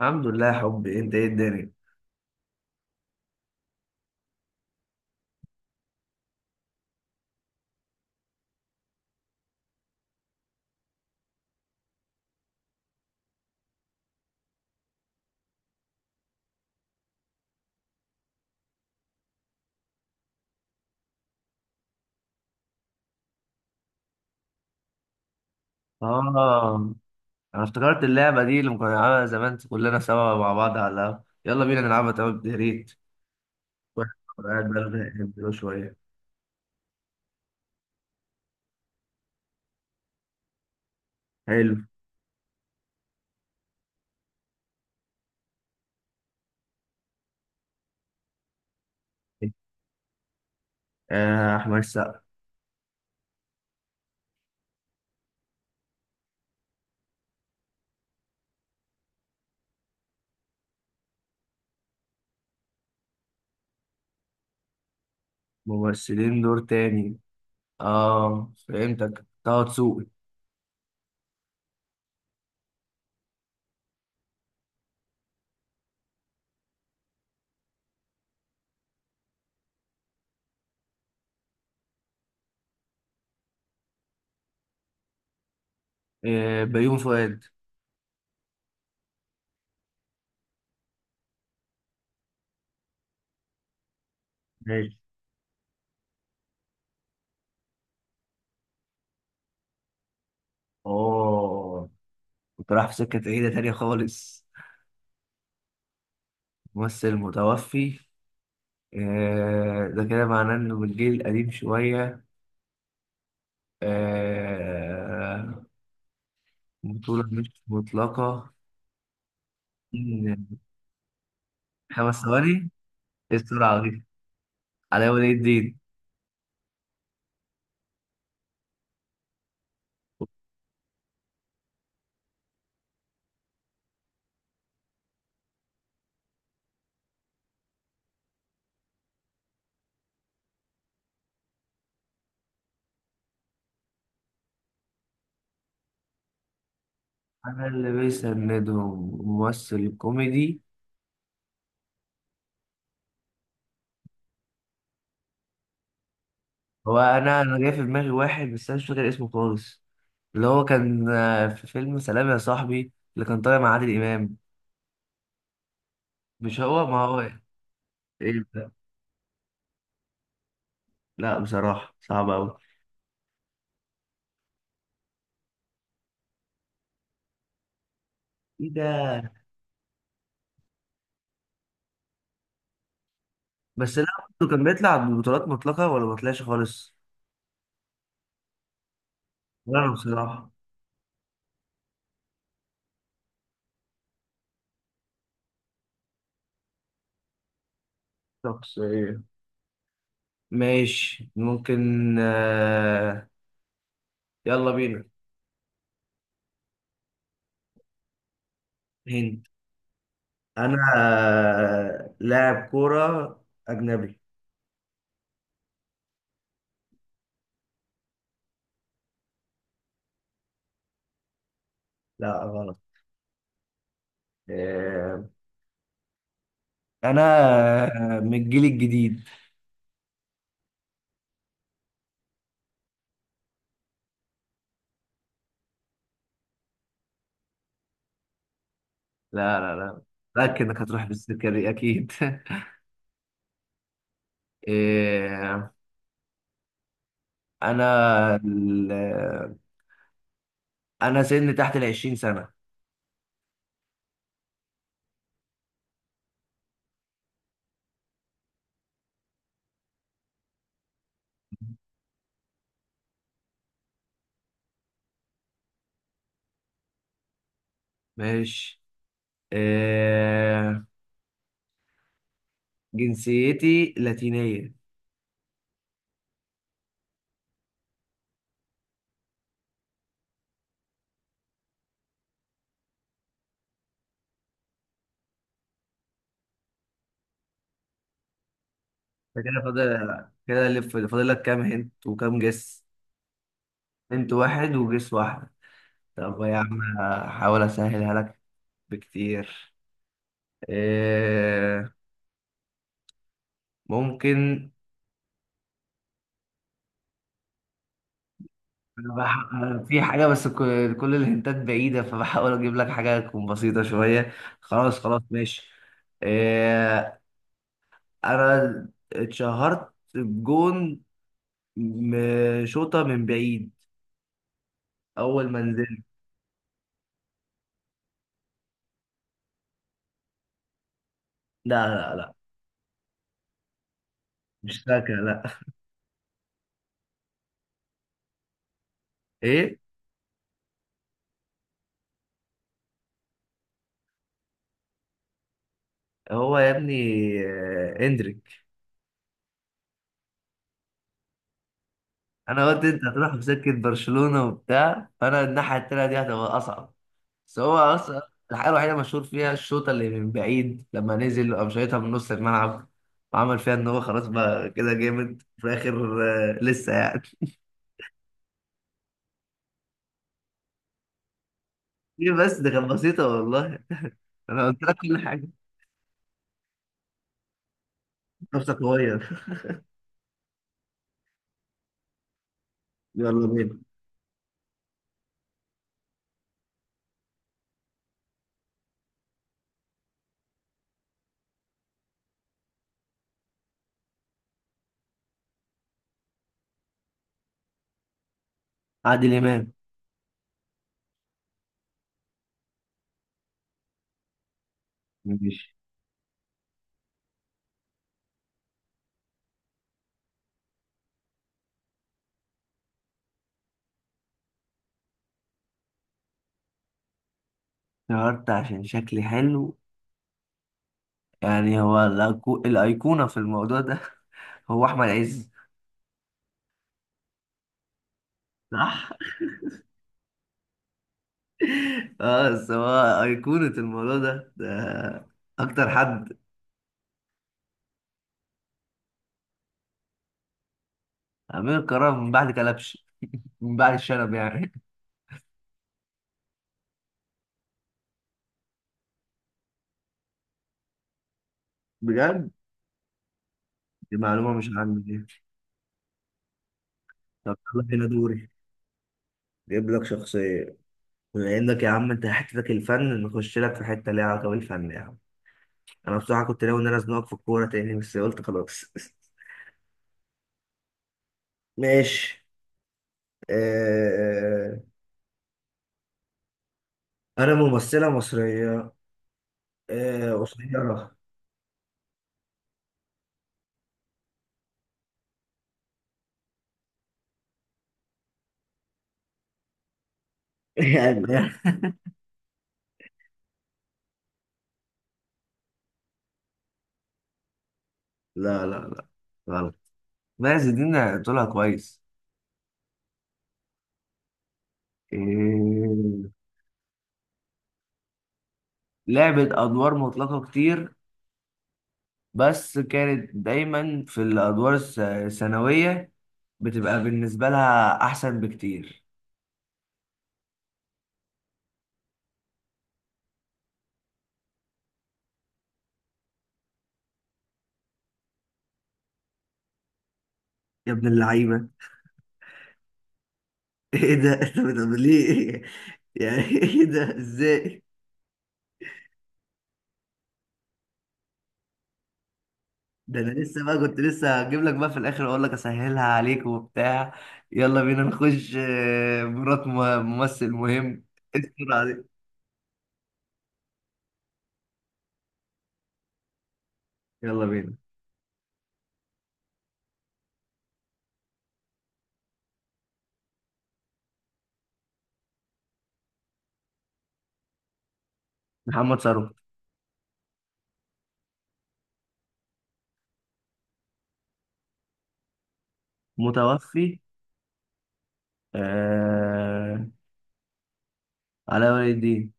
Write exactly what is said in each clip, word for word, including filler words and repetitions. الحمد لله يا حبي، انت ايه الدنيا؟ اه، انا افتكرت اللعبه دي اللي كنا بنلعبها زمان كلنا سوا مع بعض على القهوة. يلا بينا نلعبها. طب يا ريت. واحد. قاعد بقاله شويه. حلو. آه احمد سقا. ممثلين دور تاني. اه فهمتك، طه دسوقي. آه بيوم فؤاد. ماشي. اوه، كنت رايح في سكه بعيده تانيه خالص. ممثل متوفي. آه، ده كده معناه انه بالجيل القديم شويه. آه، بطولة مش مطلقة. إن. خمس ثواني. إيه السرعة دي؟ علي ولي الدين. أنا اللي بيسندهم ممثل كوميدي. هو أنا أنا جاي في دماغي واحد، بس أنا مش فاكر اسمه خالص. اللي هو كان، آه، في فيلم سلام يا صاحبي اللي كان طالع مع عادل إمام. مش هو. ما هو. إيه ده؟ لا بصراحة صعب أوي. إيه ده؟ بس لا، برضه كان بيطلع ببطولات مطلقة ولا ما طلعش خالص؟ ولا أنا بصراحة. شخصية. ماشي ممكن، آه، يلا بينا. هند. انا، آه، لاعب كوره اجنبي. لا غلط. آه، انا، آه، من الجيل الجديد. لا لا لا. متأكد انك هتروح بالسكة دي اكيد. إيه. انا ال... آه، انا سني تحت العشرين سنه. ماشي. إيه. جنسيتي لاتينية. أنت كده فاضل كده. اللي فاضل لك كام هنت وكام جس؟ هنت واحد وجس واحد. طب يا عم هحاول اسهلها لك بكتير. إيه. ممكن. أنا بح- أنا في حاجة، بس ك- كل الهنتات بعيدة فبحاول اجيب لك حاجة تكون بسيطة شوية. خلاص خلاص ماشي. إيه. انا اتشهرت بجون. م- شوطة من بعيد اول ما نزلت. لا لا لا. مش ساكا، لا. ايه. هو يا ابني، آه، اندريك. انا قلت انت هتروح في سكة برشلونة وبتاع، فانا الناحية التانية دي هتبقى اصعب. بس هو اصلا الحاجه الوحيده مشهور فيها الشوطه اللي من بعيد، لما نزل قام شايطها من نص الملعب وعمل فيها ان هو خلاص بقى كده جامد في الاخر. آه، لسه يعني. ايه بس دي كانت بسيطه والله. انا قلت لك كل حاجه. نفسك صغير. يلا بينا. عادل امام. ماشي. اتشهرت عشان شكلي حلو. يعني هو الأيكو- الايقونه في الموضوع ده. هو احمد عز. صح. اه بس هو ايقونه الموضوع ده، ده اكتر حد. امير كرارة من بعد كلبش. من بعد الشنب يعني. بجد. دي معلومة مش عندي دي. طب يلا هنا دوري. جايب لك شخصية. بما انك يا عم انت حتتك الفن، نخش لك في حتة ليها علاقة بالفن يا عم. انا بصراحة كنت ناوي ان انا ازنقك في الكورة تاني، بس قلت خلاص. ماشي. آه... انا ممثلة مصرية، آه... قصيرة. يعني. لا لا لا غلط. ماشي دي أنا قلتلها كويس. إيه... لعبت أدوار مطلقة كتير، بس كانت دايما في الادوار الس- الثانويه. بتبقى بالنسبه لها احسن بكتير. يا ابن اللعيبه. ايه ده. طب طب ليه؟ يعني ايه ده ازاي؟ ده انا لسه بقى كنت لسه هجيب لك بقى في الاخر اقول لك اسهلها عليك وبتاع. يلا بينا نخش، آه، مرات م- ممثل مهم. استر عليك. يلا بينا. محمد ثروت. متوفي. آه... علاء ولي الدين.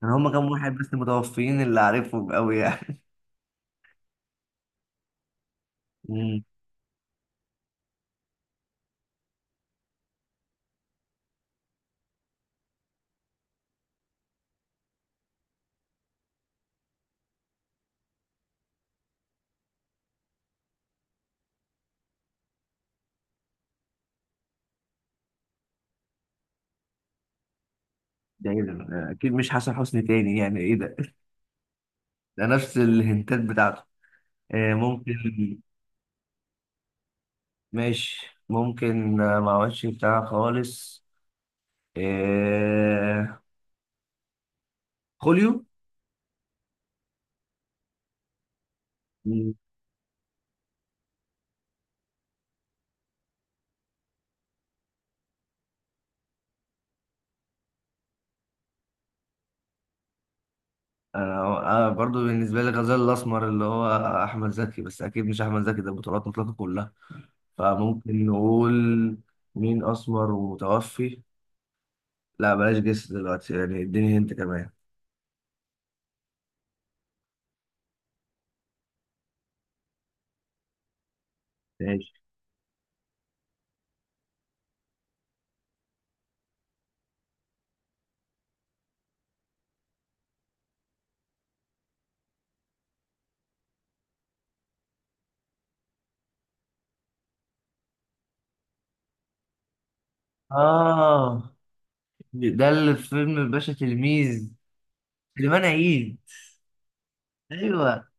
كان هما كام واحد بس متوفيين اللي عارفهم قوي يعني. مم. ده ايه ده، آه، اكيد مش حسن حسني تاني. يعني ايه ده؟ ده نفس الهنتات بتاعته. آه ممكن. ماشي ممكن، آه، ما عملش بتاع خالص. آه. خوليو. مم. انا أنا برضو بالنسبه لي غزال الاسمر، اللي هو احمد زكي، بس اكيد مش احمد زكي، ده بطولات مطلقه كلها. فممكن نقول مين اسمر ومتوفي. لا بلاش جس دلوقتي يعني، اديني هنت كمان. ماشي. اه ده اللي في فيلم الباشا تلميذ. سليمان عيد. ايوه.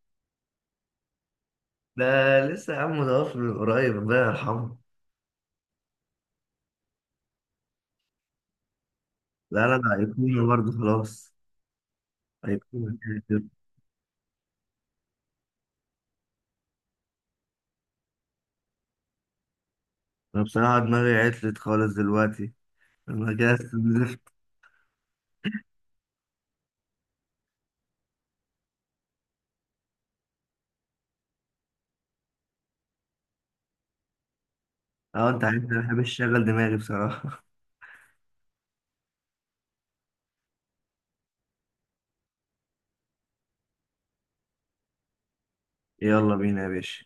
ده لسه يا عم متوفي من قريب، الله يرحمه. لا لا، ده ايقونه برضه خلاص. ايقونه كده كده. انا بصراحه دماغي عطلت خالص دلوقتي. انا كده استنزفت. اه انت عارف انا بحب اشغل دماغي بصراحه. يلا بينا يا باشا.